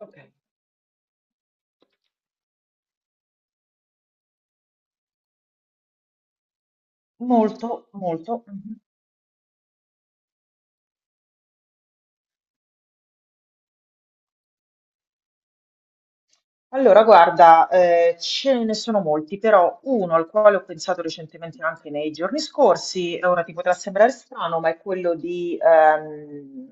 Okay. Molto, molto. Mh-mh. Allora guarda, ce ne sono molti, però uno al quale ho pensato recentemente anche nei giorni scorsi, e ora ti potrà sembrare strano, ma è quello di,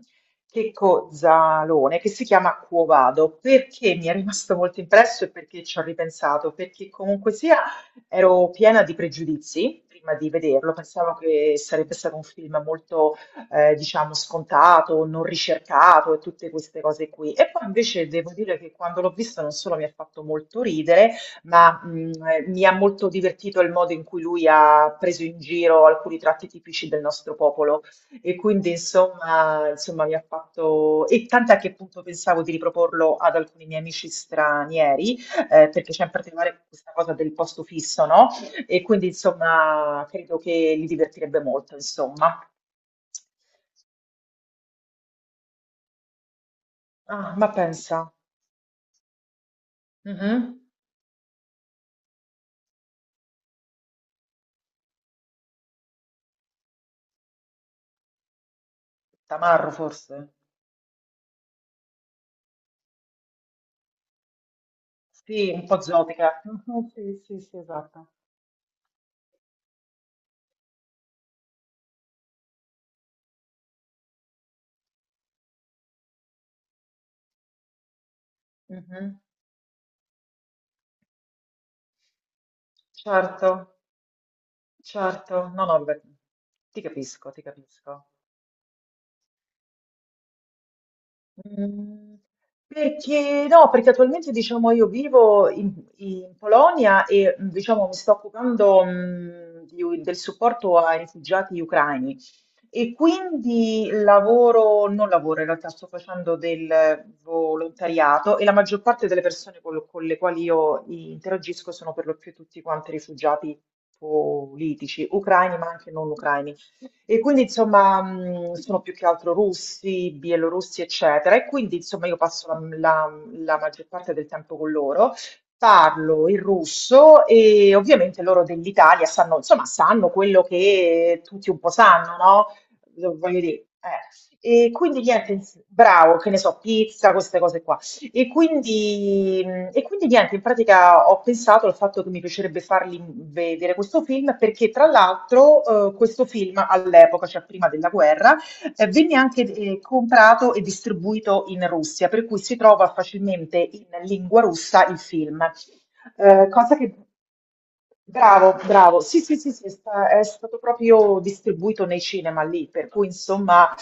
Checco Zalone, che si chiama Quo Vado. Perché mi è rimasto molto impresso e perché ci ho ripensato? Perché comunque sia ero piena di pregiudizi prima di vederlo, pensavo che sarebbe stato un film molto diciamo scontato, non ricercato e tutte queste cose qui. E poi invece devo dire che quando l'ho visto non solo mi ha fatto molto ridere, ma mi ha molto divertito il modo in cui lui ha preso in giro alcuni tratti tipici del nostro popolo e quindi insomma, insomma mi ha fatto e tant'è che appunto pensavo di riproporlo ad alcuni miei amici stranieri, perché c'è in particolare questa cosa del posto fisso, no? E quindi insomma credo che li divertirebbe molto, insomma. Ah, ma pensa. Mhm. Tamarro forse? Sì, un po' zotica. Mhm. Sì, sì, sì, esatto. Mhm. Certo, certo. No, no, vabbè. Ti capisco, ti capisco. Mhmm, perché no, perché attualmente diciamo io vivo in in Polonia e, mhmm, diciamo mi sto occupando, mhmm, di u del supporto ai rifugiati ucraini e quindi lavoro non lavoro in realtà, sto facendo del volontariato e la maggior parte delle persone con lo con le quali io interagisco sono per lo più tutti quanti rifugiati politici, ucraini ma anche non ucraini. E quindi insomma sono più che altro russi, bielorussi, eccetera. E quindi insomma io passo la maggior parte del tempo con loro, parlo il russo e ovviamente loro dell'Italia sanno, insomma, sanno quello che tutti un po' sanno, no? Voglio dire, E quindi niente, bravo, che ne so, pizza, queste cose qua. E quindi, e quindi niente, in pratica ho pensato al fatto che mi piacerebbe fargli vedere questo film perché tra l'altro questo film all'epoca, cioè prima della guerra, venne anche comprato e distribuito in Russia, per cui si trova facilmente in lingua russa il film. Cosa che... Bravo, bravo. Sì, sì, sì, sì, è stato proprio distribuito nei cinema lì, per cui insomma...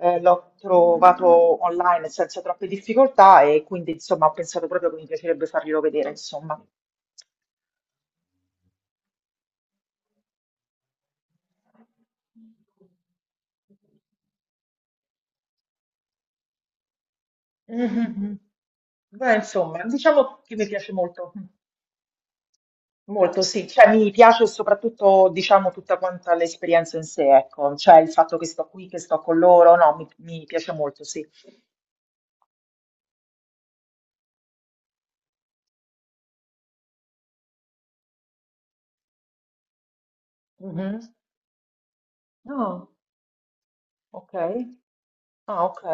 L'ho trovato online senza troppe difficoltà e quindi insomma ho pensato proprio che mi piacerebbe farglielo vedere, insomma. Mhm. Beh, insomma, diciamo che mi piace molto, molto sì, cioè mi piace soprattutto, diciamo, tutta quanta l'esperienza in sé, ecco, cioè il fatto che sto qui, che sto con loro, no, mi piace molto, sì. Mhm. Ah, ok. Ah, ok.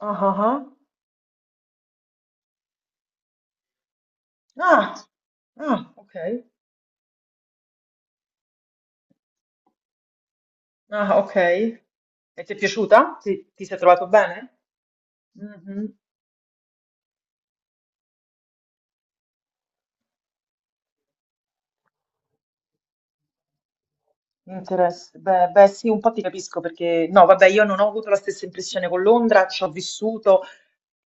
Ah, ah, ah. Ah, ah, ok. Ah, ok. E ti è piaciuta? Ti sei trovato bene? Mhm. Beh, beh, sì, un po' ti capisco perché no, vabbè, io non ho avuto la stessa impressione con Londra, ci ho vissuto,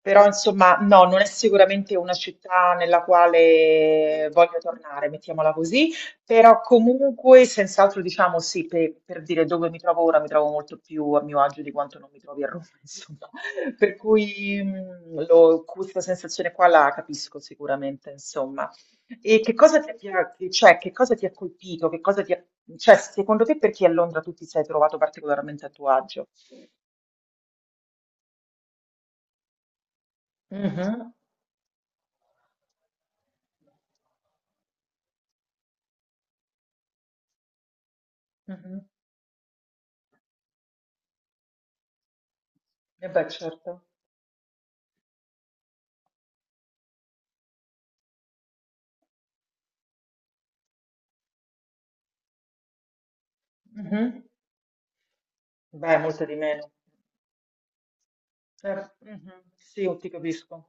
però insomma, no, non è sicuramente una città nella quale voglio tornare, mettiamola così, però comunque, senz'altro, diciamo sì, per dire dove mi trovo ora, mi trovo molto più a mio agio di quanto non mi trovi a Roma, insomma, per cui mm, questa sensazione qua la capisco sicuramente, insomma. E che cosa cioè, che cosa ti ha colpito? Che cosa ti ha, cioè, secondo te perché a Londra tu ti sei trovato particolarmente a tuo agio? Mhm, mhm. Eh beh, certo. Mhm. Beh, molto di meno. Eh, mhm. Sì, ti capisco.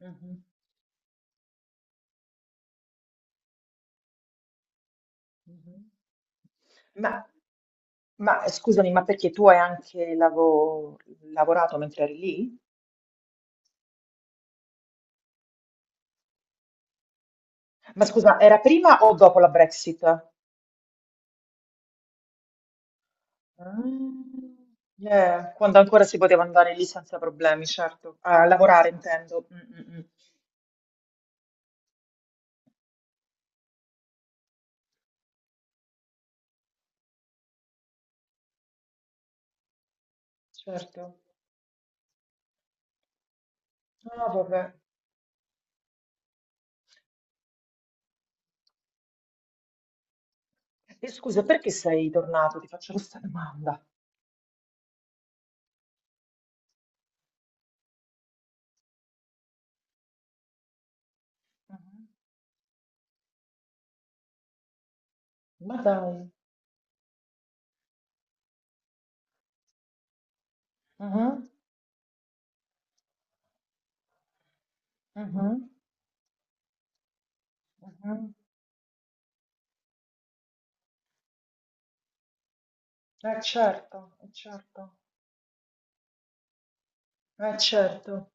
Mhm, mhm. Ma, ma, scusami, ma perché tu hai anche lavorato mentre eri lì? Ma scusa, era prima o dopo la Brexit? Mm, yeah. Quando ancora si poteva andare lì senza problemi, certo. A lavorare, intendo. Mm, mm, mm. Certo. Ah, vabbè. E scusa, perché sei tornato? Ti faccio questa domanda. Mhm. Ma dai. Mhm, mhm, mhm. Eh certo, eh certo, eh certo.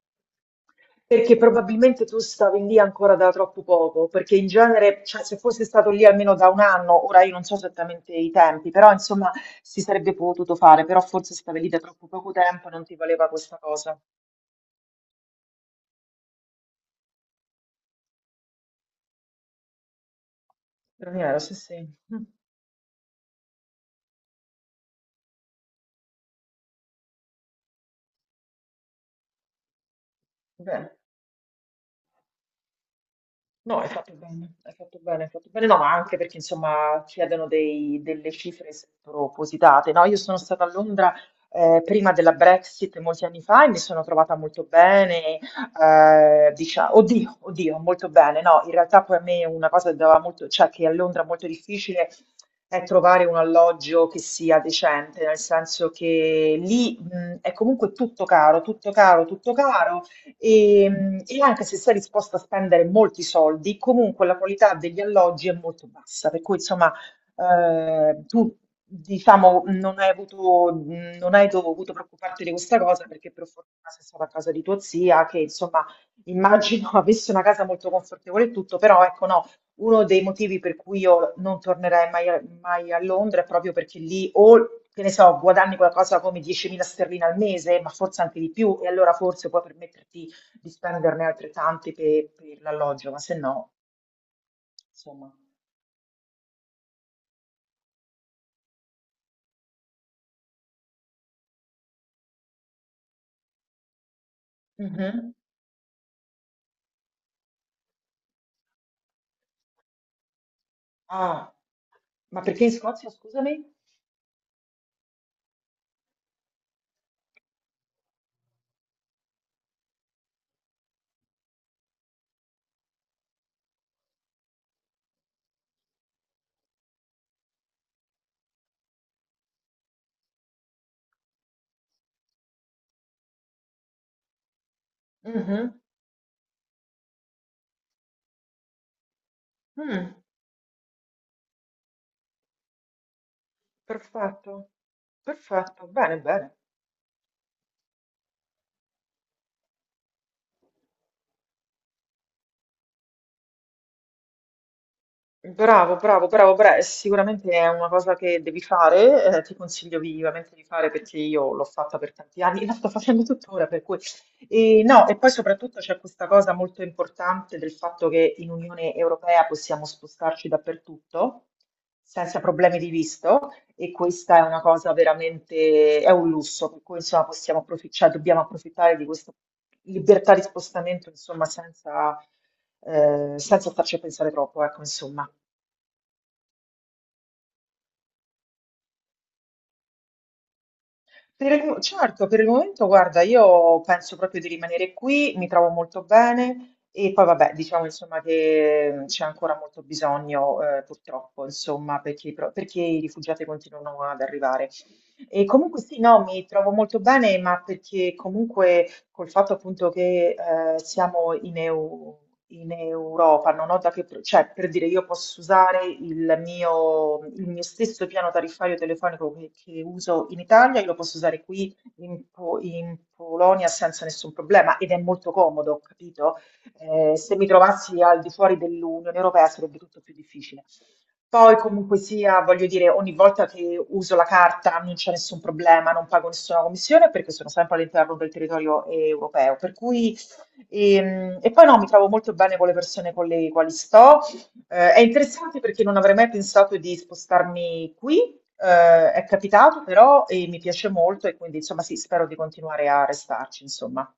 Perché probabilmente tu stavi lì ancora da troppo poco, perché in genere, cioè, se fosse stato lì almeno da un anno, ora io non so esattamente i tempi, però insomma si sarebbe potuto fare, però forse stavi lì da troppo poco tempo e non ti valeva questa cosa. Però, sì, sì. Mm. Bene. No, hai fatto bene, hai fatto bene, hai fatto bene, no, ma anche perché insomma chiedono delle cifre spropositate, no? Io sono stata a Londra prima della Brexit molti anni fa e mi sono trovata molto bene, diciamo, oddio, oddio, molto bene, no? In realtà poi a me una cosa che dava molto, cioè che a Londra è molto difficile è trovare un alloggio che sia decente, nel senso che lì è comunque tutto caro, tutto caro, tutto caro. E, e anche se sei disposta a spendere molti soldi, comunque la qualità degli alloggi è molto bassa, per cui insomma tu diciamo non hai avuto, non hai dovuto preoccuparti di questa cosa perché per fortuna sei stata a casa di tua zia che insomma immagino avesse una casa molto confortevole e tutto, però ecco no, uno dei motivi per cui io non tornerei mai a, mai a Londra è proprio perché lì o che ne so, guadagni qualcosa come 10.000 sterline al mese, ma forse anche di più, e allora forse puoi permetterti di spenderne altrettanti per l'alloggio, ma se no, insomma. Mhm. Ah, ma perché in Scozia, scusami? Mhm. Mm, perfetto, perfetto, bene, bene. Bravo, bravo, bravo, sicuramente è una cosa che devi fare, ti consiglio vivamente di fare perché io l'ho fatta per tanti anni, la sto facendo tuttora, per cui... E, no, e poi soprattutto c'è questa cosa molto importante del fatto che in Unione Europea possiamo spostarci dappertutto senza problemi di visto e questa è una cosa veramente, è un lusso, per cui insomma possiamo cioè, dobbiamo approfittare di questa libertà di spostamento, insomma, senza, senza starci a pensare troppo, ecco, insomma. Certo, per il momento, guarda, io penso proprio di rimanere qui, mi trovo molto bene e poi vabbè, diciamo insomma che mm, c'è ancora molto bisogno, purtroppo, insomma, perché i rifugiati continuano ad arrivare. E comunque sì, no, mi trovo molto bene, ma perché comunque col fatto appunto che siamo in, EU in Europa, non ho cioè per dire io posso usare il mio stesso piano tariffario telefonico che uso in Italia, io lo posso usare qui in Polonia senza nessun problema ed è molto comodo, capito? Se mi trovassi al di fuori dell'Unione Europea sarebbe tutto più difficile. Poi comunque sia, voglio dire, ogni volta che uso la carta non c'è nessun problema, non pago nessuna commissione perché sono sempre all'interno del territorio europeo. Per cui, e poi no, mi trovo molto bene con le persone con le quali sto. È interessante perché non avrei mai pensato di spostarmi qui, è capitato però e mi piace molto e quindi insomma sì, spero di continuare a restarci, insomma.